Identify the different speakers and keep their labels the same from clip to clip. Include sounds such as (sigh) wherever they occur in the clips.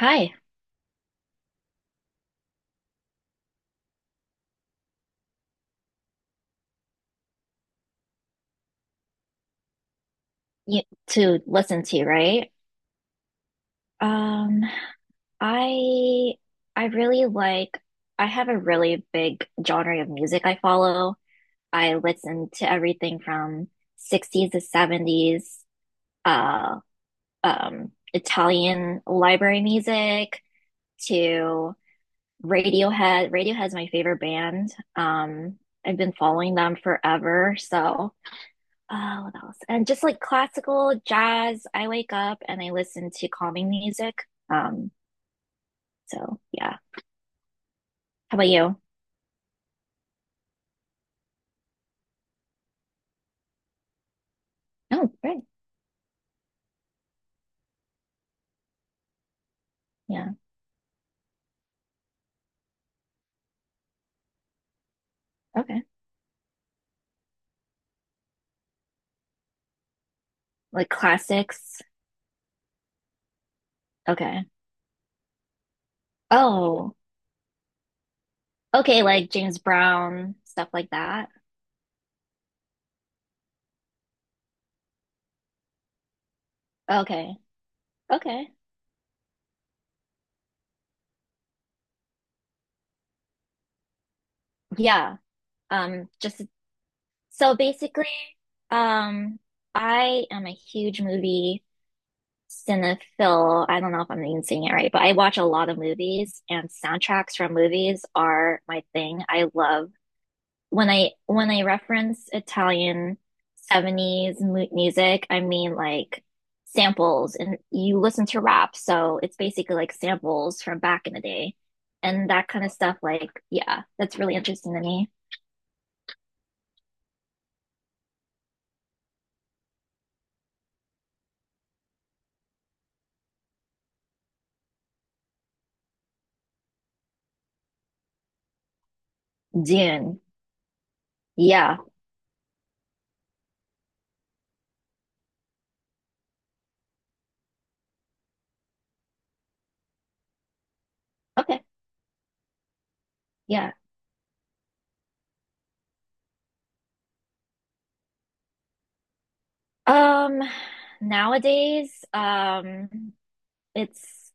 Speaker 1: Hi, you, to listen to, right? Um, I I really like I have a really big genre of music I follow. I listen to everything from 60s to 70s, uh, Italian library music to Radiohead. Radiohead's my favorite band. I've been following them forever, so what else? And just like classical jazz, I wake up and I listen to calming music. So yeah. How about you? Oh, great. Yeah. Okay. Like classics. Okay. Oh, okay. Like James Brown, stuff like that. Okay. Okay. Yeah. Just so basically, um, I am a huge movie cinephile. I don't know if I'm even saying it right, but I watch a lot of movies and soundtracks from movies are my thing. I love when I reference Italian 70s mu music. I mean, like samples, and you listen to rap, so it's basically like samples from back in the day. And that kind of stuff, like, yeah, that's really interesting to me. Dune. Yeah. Okay. Yeah. Um, nowadays, it's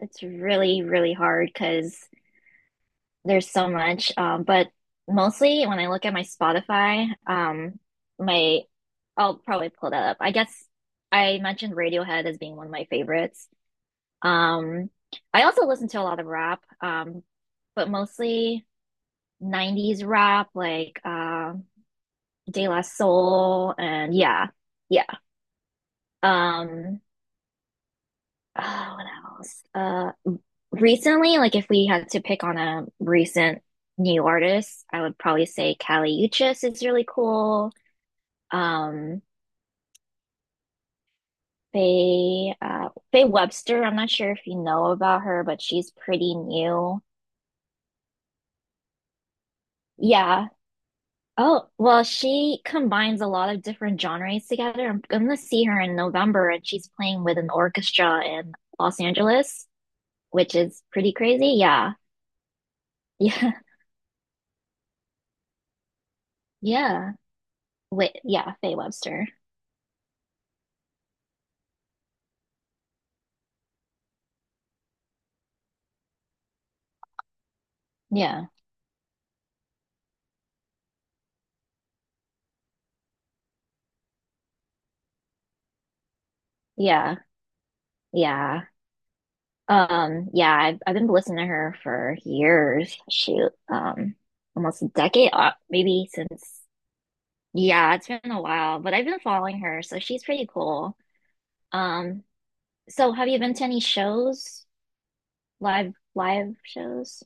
Speaker 1: it's really, really hard because there's so much. But mostly when I look at my Spotify, my I'll probably pull that up. I guess I mentioned Radiohead as being one of my favorites. Um, I also listen to a lot of rap, but mostly 90s rap, like De La Soul, and yeah, yeah. Um, Oh, what else? Recently, like if we had to pick on a recent new artist, I would probably say Kali Uchis is really cool. Um, Faye Webster, I'm not sure if you know about her, but she's pretty new. Yeah. Oh, well, she combines a lot of different genres together. I'm gonna see her in November, and she's playing with an orchestra in Los Angeles, which is pretty crazy. Yeah. (laughs) Yeah. Yeah. Wait, yeah, Faye Webster. Yeah, yeah, yeah. Yeah, I've been listening to her for years. Shoot, almost a decade, maybe since. Yeah, it's been a while, but I've been following her, so she's pretty cool. Um, so have you been to any shows, live shows?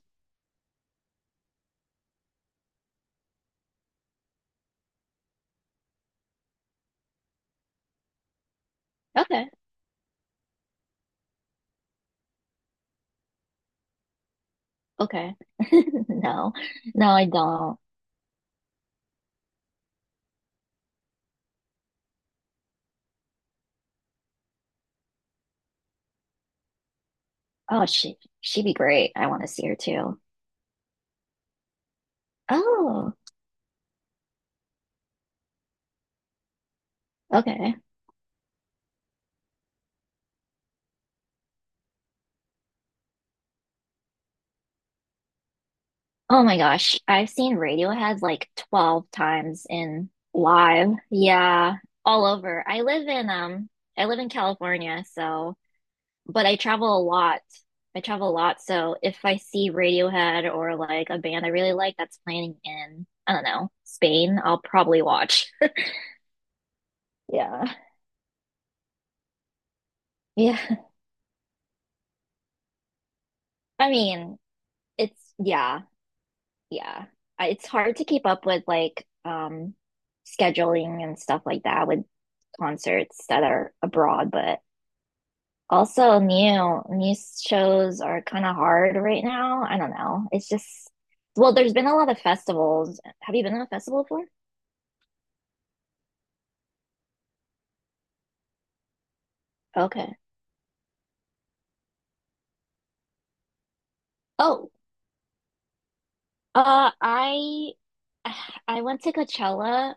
Speaker 1: Okay, okay. (laughs) No, no, I don't. Oh, she she'd be great. I want to see her too. Oh, okay. Oh my gosh, I've seen Radiohead like 12 times in live. Yeah, all over. I live in California, so but I travel a lot. I travel a lot, so if I see Radiohead or like a band I really like that's playing in, I don't know, Spain, I'll probably watch. (laughs) Yeah. Yeah. I mean, it's yeah, yeah. It's hard to keep up with like scheduling and stuff like that with concerts that are abroad, but also new shows are kind of hard right now. I don't know. It's just well, there's been a lot of festivals. Have you been to a festival before? Okay. Oh, uh, I I went to Coachella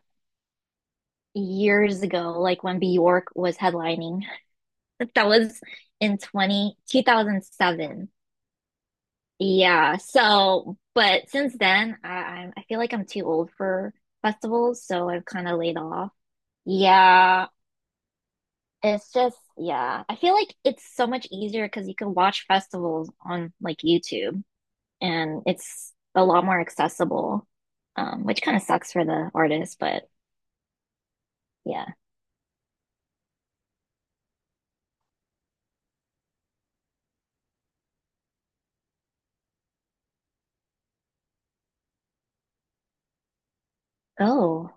Speaker 1: years ago, like when Bjork was headlining. (laughs) That was in 20 2007. Yeah. So, but since then, I feel like I'm too old for festivals, so I've kind of laid off. Yeah, it's just yeah. I feel like it's so much easier because you can watch festivals on like YouTube, and it's a lot more accessible, which kind of sucks for the artist, but yeah. Oh,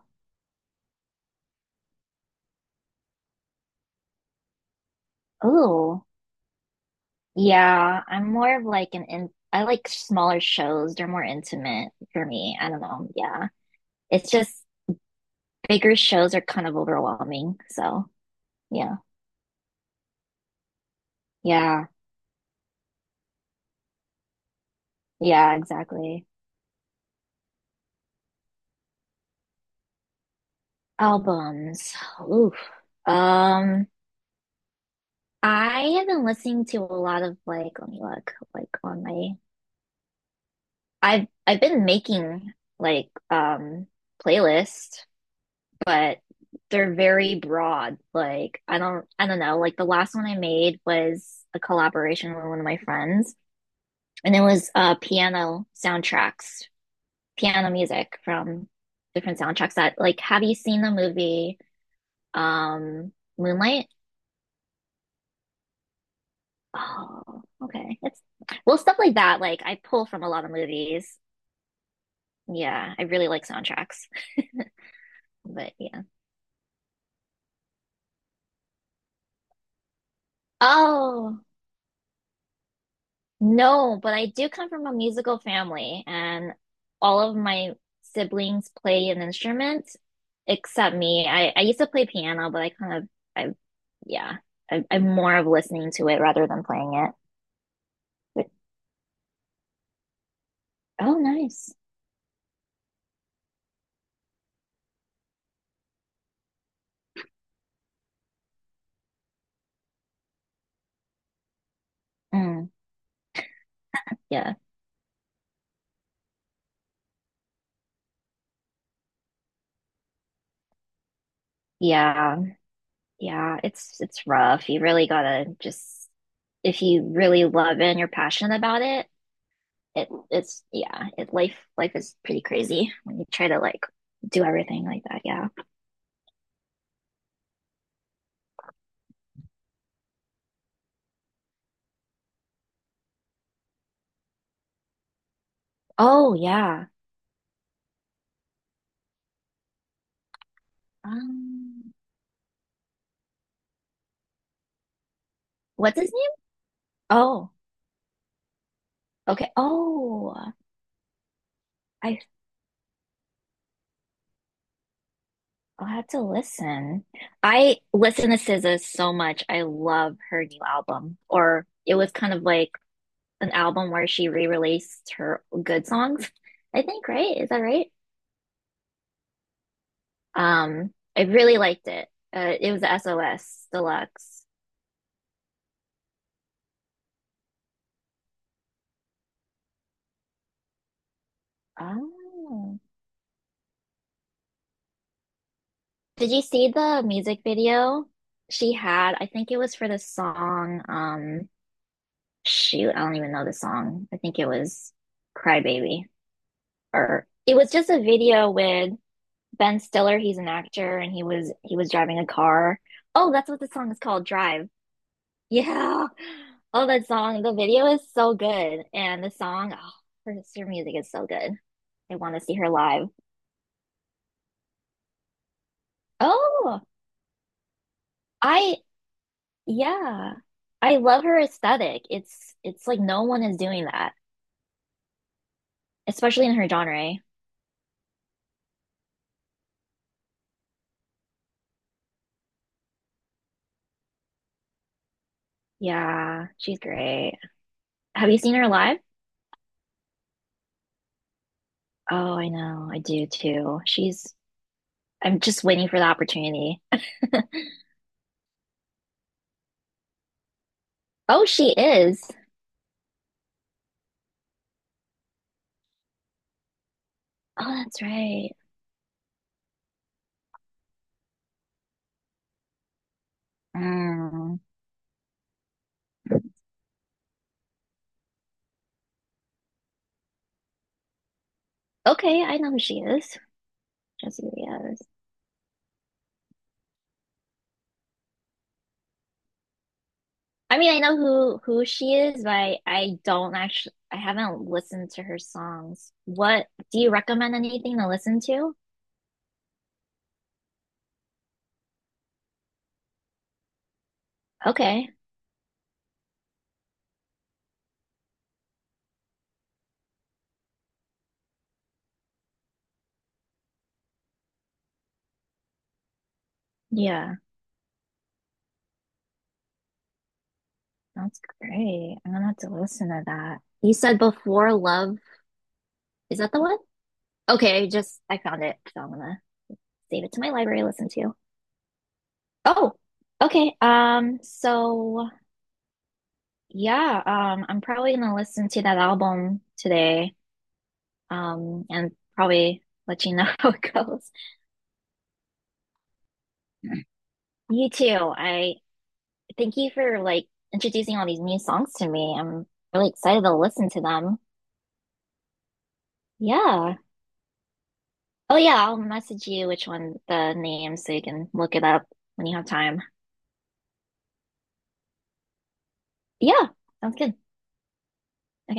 Speaker 1: oh, yeah. I'm more of like an in I like smaller shows. They're more intimate for me. I don't know. Yeah. It's just bigger shows are kind of overwhelming. So yeah, yeah, yeah, exactly. Albums. Oof. Um, I have been listening to a lot of like, let me look, like on my, I've been making like playlists, but they're very broad. Like I don't know. Like the last one I made was a collaboration with one of my friends, and it was piano soundtracks, piano music from different soundtracks that like have you seen the movie um Moonlight? Oh, okay. It's well, stuff like that, like I pull from a lot of movies. Yeah, I really like soundtracks. But yeah. Oh, no, but I do come from a musical family, and all of my siblings play an instrument except me. I used to play piano, but I kind of I yeah, I'm more of listening to it rather than playing it. But oh, nice. Mm, yeah. Yeah. Yeah, it's rough. You really gotta just if you really love it and you're passionate about it, it it's yeah, it life is pretty crazy when you try to like do everything like that. Yeah. Oh yeah. Um, what's his name? Oh, okay. Oh, I I'll have to listen. I listen to SZA so much. I love her new album. Or it was kind of like an album where she re-released her good songs, I think, right? Is that right? I really liked it. It was the SOS Deluxe. Oh. Did you see the music video she had? I think it was for the song, shoot, I don't even know the song. I think it was Cry Baby, or it was just a video with Ben Stiller. He's an actor, and he was driving a car. Oh, that's what the song is called, Drive. (laughs) Yeah. Oh, that song. The video is so good. And the song, oh, her music is so good. I want to see her live. Oh, I yeah. I love her aesthetic. It's like no one is doing that, especially in her genre. Yeah, she's great. Have you seen her live? Oh, I know. I do too. She's I'm just waiting for the opportunity. (laughs) Oh, she is. Oh, that's right. Mm. Okay, I know who she is. Jessica Biel. I mean, I know who she is, but I don't actually I haven't listened to her songs. What do you recommend? Anything to listen to? Okay. Yeah, that's great. I'm gonna have to listen to that. You said Before Love. Is that the one? Okay, I just I found it, so I'm gonna save it to my library, listen to. Oh, okay. So yeah, I'm probably gonna listen to that album today, and probably let you know (laughs) how it goes. You too. I Thank you for like introducing all these new songs to me. I'm really excited to listen to them. Yeah. Oh yeah, I'll message you which one the name so you can look it up when you have time. Yeah, sounds good. Okay.